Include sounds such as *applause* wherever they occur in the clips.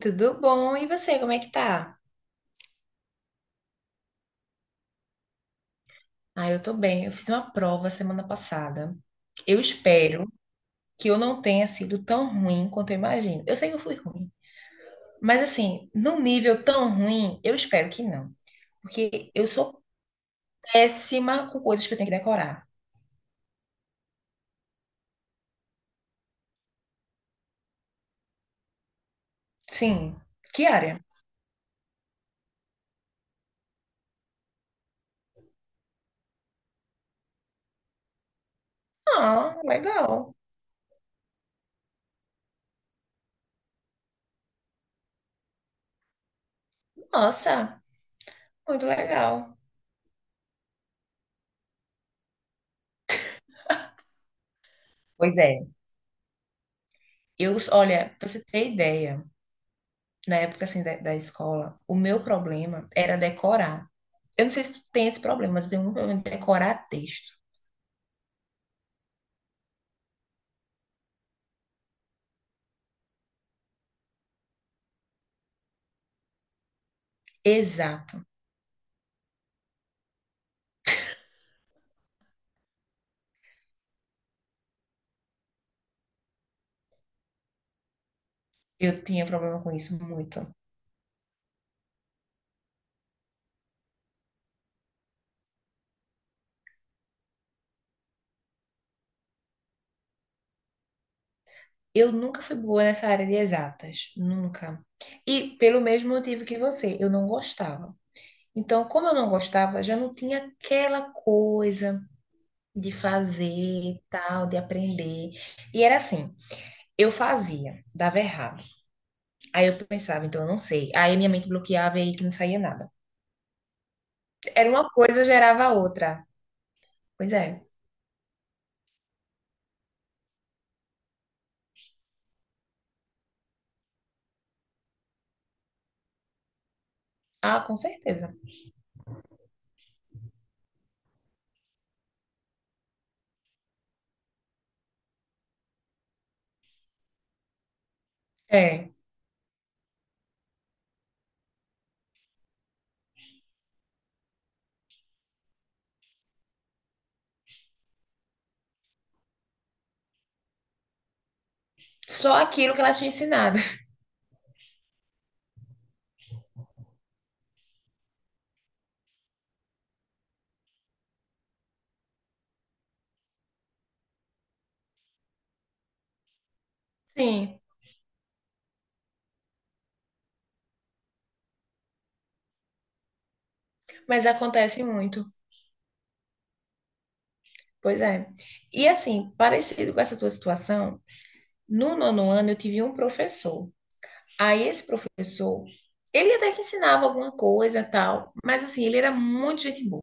Tudo bom? E você, como é que tá? Ah, eu tô bem. Eu fiz uma prova semana passada. Eu espero que eu não tenha sido tão ruim quanto eu imagino. Eu sei que eu fui ruim, mas assim, num nível tão ruim, eu espero que não, porque eu sou péssima com coisas que eu tenho que decorar. Sim. Que área? Ah, legal. Nossa, muito legal. Pois é. Eu, olha, pra você ter ideia, na época assim da escola, o meu problema era decorar. Eu não sei se tu tem esse problema, mas eu tenho muito problema de decorar texto. Exato. Eu tinha problema com isso muito. Eu nunca fui boa nessa área de exatas, nunca. E pelo mesmo motivo que você, eu não gostava. Então, como eu não gostava, já não tinha aquela coisa de fazer, e tal, de aprender. E era assim, eu fazia, dava errado. Aí eu pensava, então eu não sei. Aí minha mente bloqueava e aí que não saía nada. Era uma coisa, gerava a outra. Pois é. Ah, com certeza. É, só aquilo que ela tinha ensinado. *laughs* Sim, mas acontece muito. Pois é. E assim, parecido com essa tua situação, no nono ano eu tive um professor. Aí esse professor, ele até que ensinava alguma coisa e tal, mas assim, ele era muito gente boa.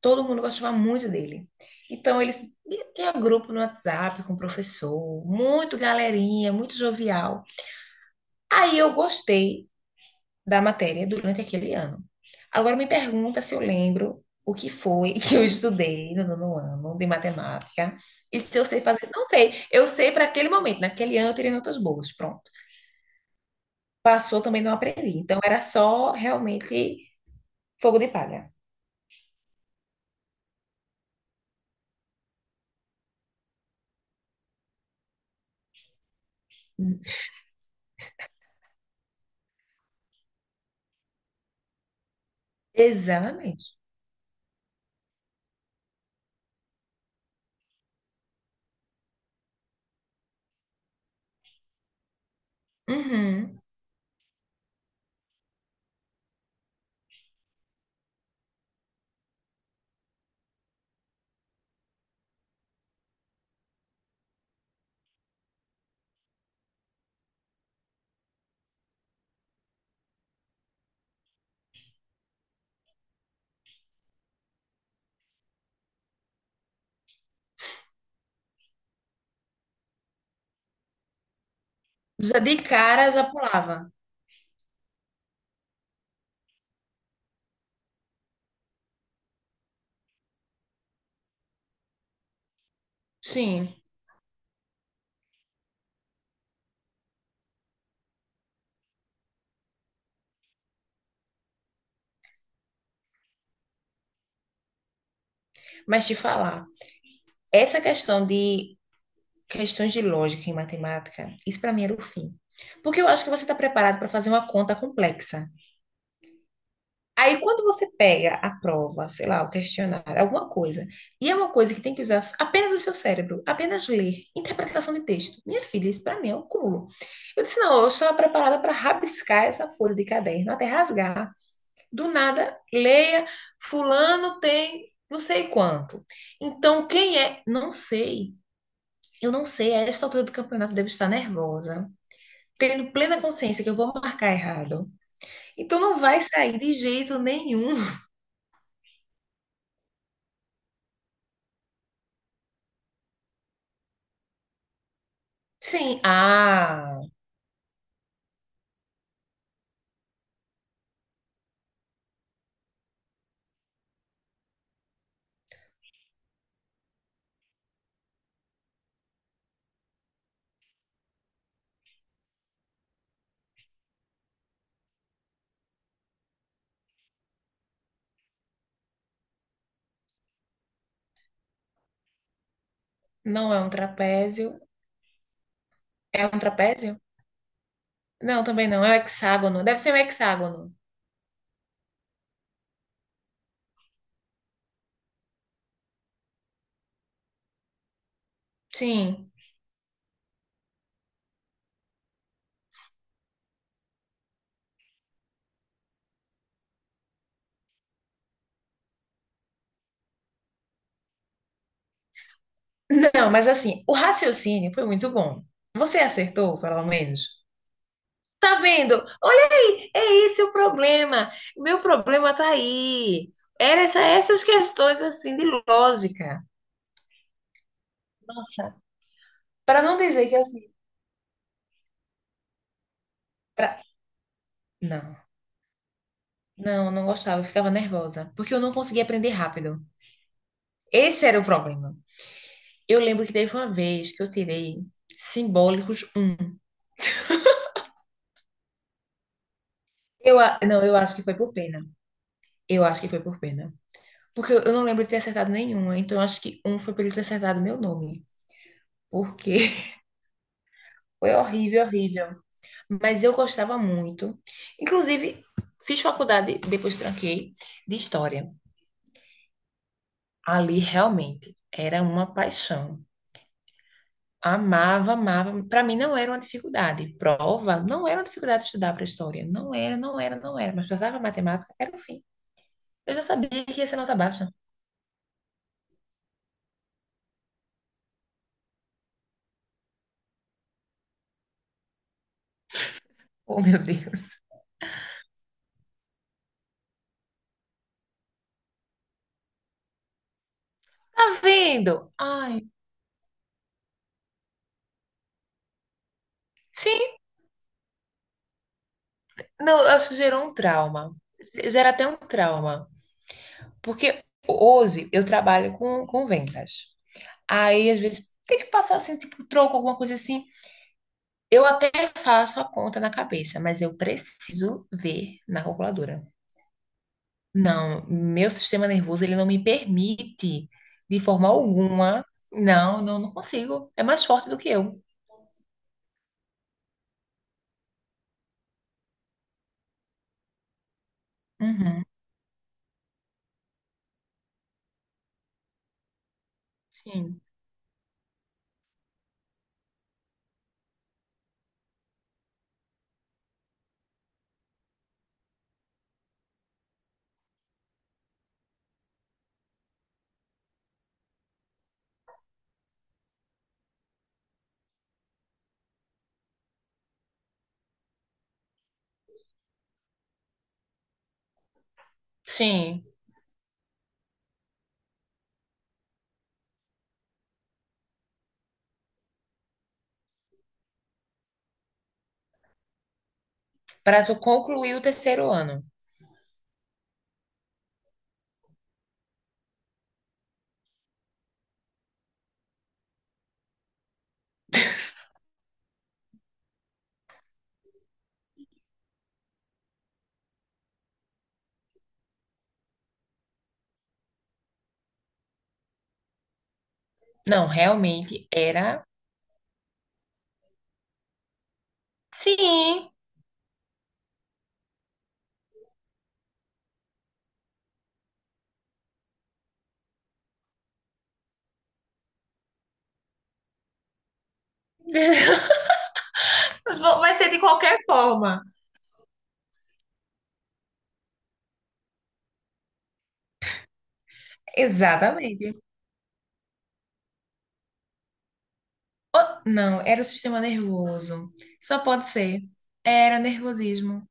Todo mundo gostava muito dele. Então ele tinha grupo no WhatsApp com o professor, muito galerinha, muito jovial. Aí eu gostei da matéria durante aquele ano. Agora me pergunta se eu lembro o que foi *laughs* que eu estudei no nono ano de matemática e se eu sei fazer. Não sei, eu sei para aquele momento, naquele ano eu tirei notas boas, pronto. Passou também não aprendi, então era só realmente fogo de palha. Exatamente. Uhum. Já de cara já pulava. Sim, mas te falar, essa questão de questões de lógica em matemática, isso para mim era o fim. Porque eu acho que você está preparado para fazer uma conta complexa. Aí, quando você pega a prova, sei lá, o questionário, alguma coisa, e é uma coisa que tem que usar apenas o seu cérebro, apenas ler, interpretação de texto. Minha filha, isso para mim é um cúmulo. Eu disse, não, eu estou preparada para rabiscar essa folha de caderno, até rasgar. Do nada, leia, fulano tem não sei quanto. Então, quem é? Não sei. Eu não sei, a esta altura do campeonato eu devo estar nervosa, tendo plena consciência que eu vou marcar errado. Então não vai sair de jeito nenhum. Sim, ah, não é um trapézio. É um trapézio? Não, também não, é um hexágono. Deve ser um hexágono. Sim. Não, mas assim, o raciocínio foi muito bom. Você acertou, pelo menos. Tá vendo? Olha aí, é esse o problema. Meu problema tá aí. Era essa, essas questões assim de lógica. Nossa, para não dizer que assim, pra- não. Não, não gostava, eu ficava nervosa, porque eu não conseguia aprender rápido. Esse era o problema. Eu lembro que teve uma vez que eu tirei simbólicos um. Eu, não, eu acho que foi por pena. Eu acho que foi por pena. Porque eu não lembro de ter acertado nenhuma, então eu acho que um foi por ele ter acertado meu nome. Porque *laughs* foi horrível, horrível. Mas eu gostava muito. Inclusive, fiz faculdade, depois tranquei, de história. Ali realmente era uma paixão. Amava, amava. Para mim não era uma dificuldade. Prova não era uma dificuldade estudar para história. Não era, não era, não era. Mas passava matemática, era o fim. Eu já sabia que ia ser nota baixa. Oh, meu Deus. *laughs* Tá vendo? Ai, sim. Não, eu acho que gerou um trauma. Gera até um trauma. Porque hoje eu trabalho com vendas. Aí, às vezes, tem que passar assim, tipo, troco, alguma coisa assim. Eu até faço a conta na cabeça, mas eu preciso ver na calculadora. Não, meu sistema nervoso ele não me permite de forma alguma. Não, não, não consigo. É mais forte do que eu. Uhum, sim. Sim. Para tu concluir o terceiro ano. Não, realmente era. Sim. *laughs* Mas vai ser de qualquer forma. Exatamente. Oh, não, era o sistema nervoso. Só pode ser. Era nervosismo.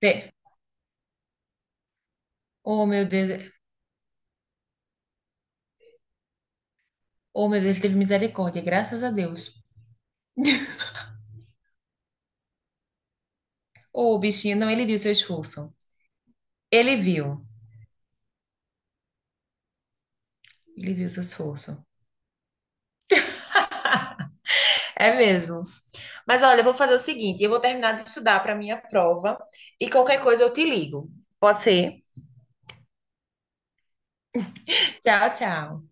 Te- Oh, meu Deus. Oh, meu Deus, teve misericórdia, graças a Deus. *laughs* Ô, bichinho, não, ele viu seu esforço. Ele viu. Ele viu seu esforço. É mesmo. Mas olha, eu vou fazer o seguinte, eu vou terminar de estudar para minha prova e qualquer coisa eu te ligo. Pode ser? Tchau, tchau.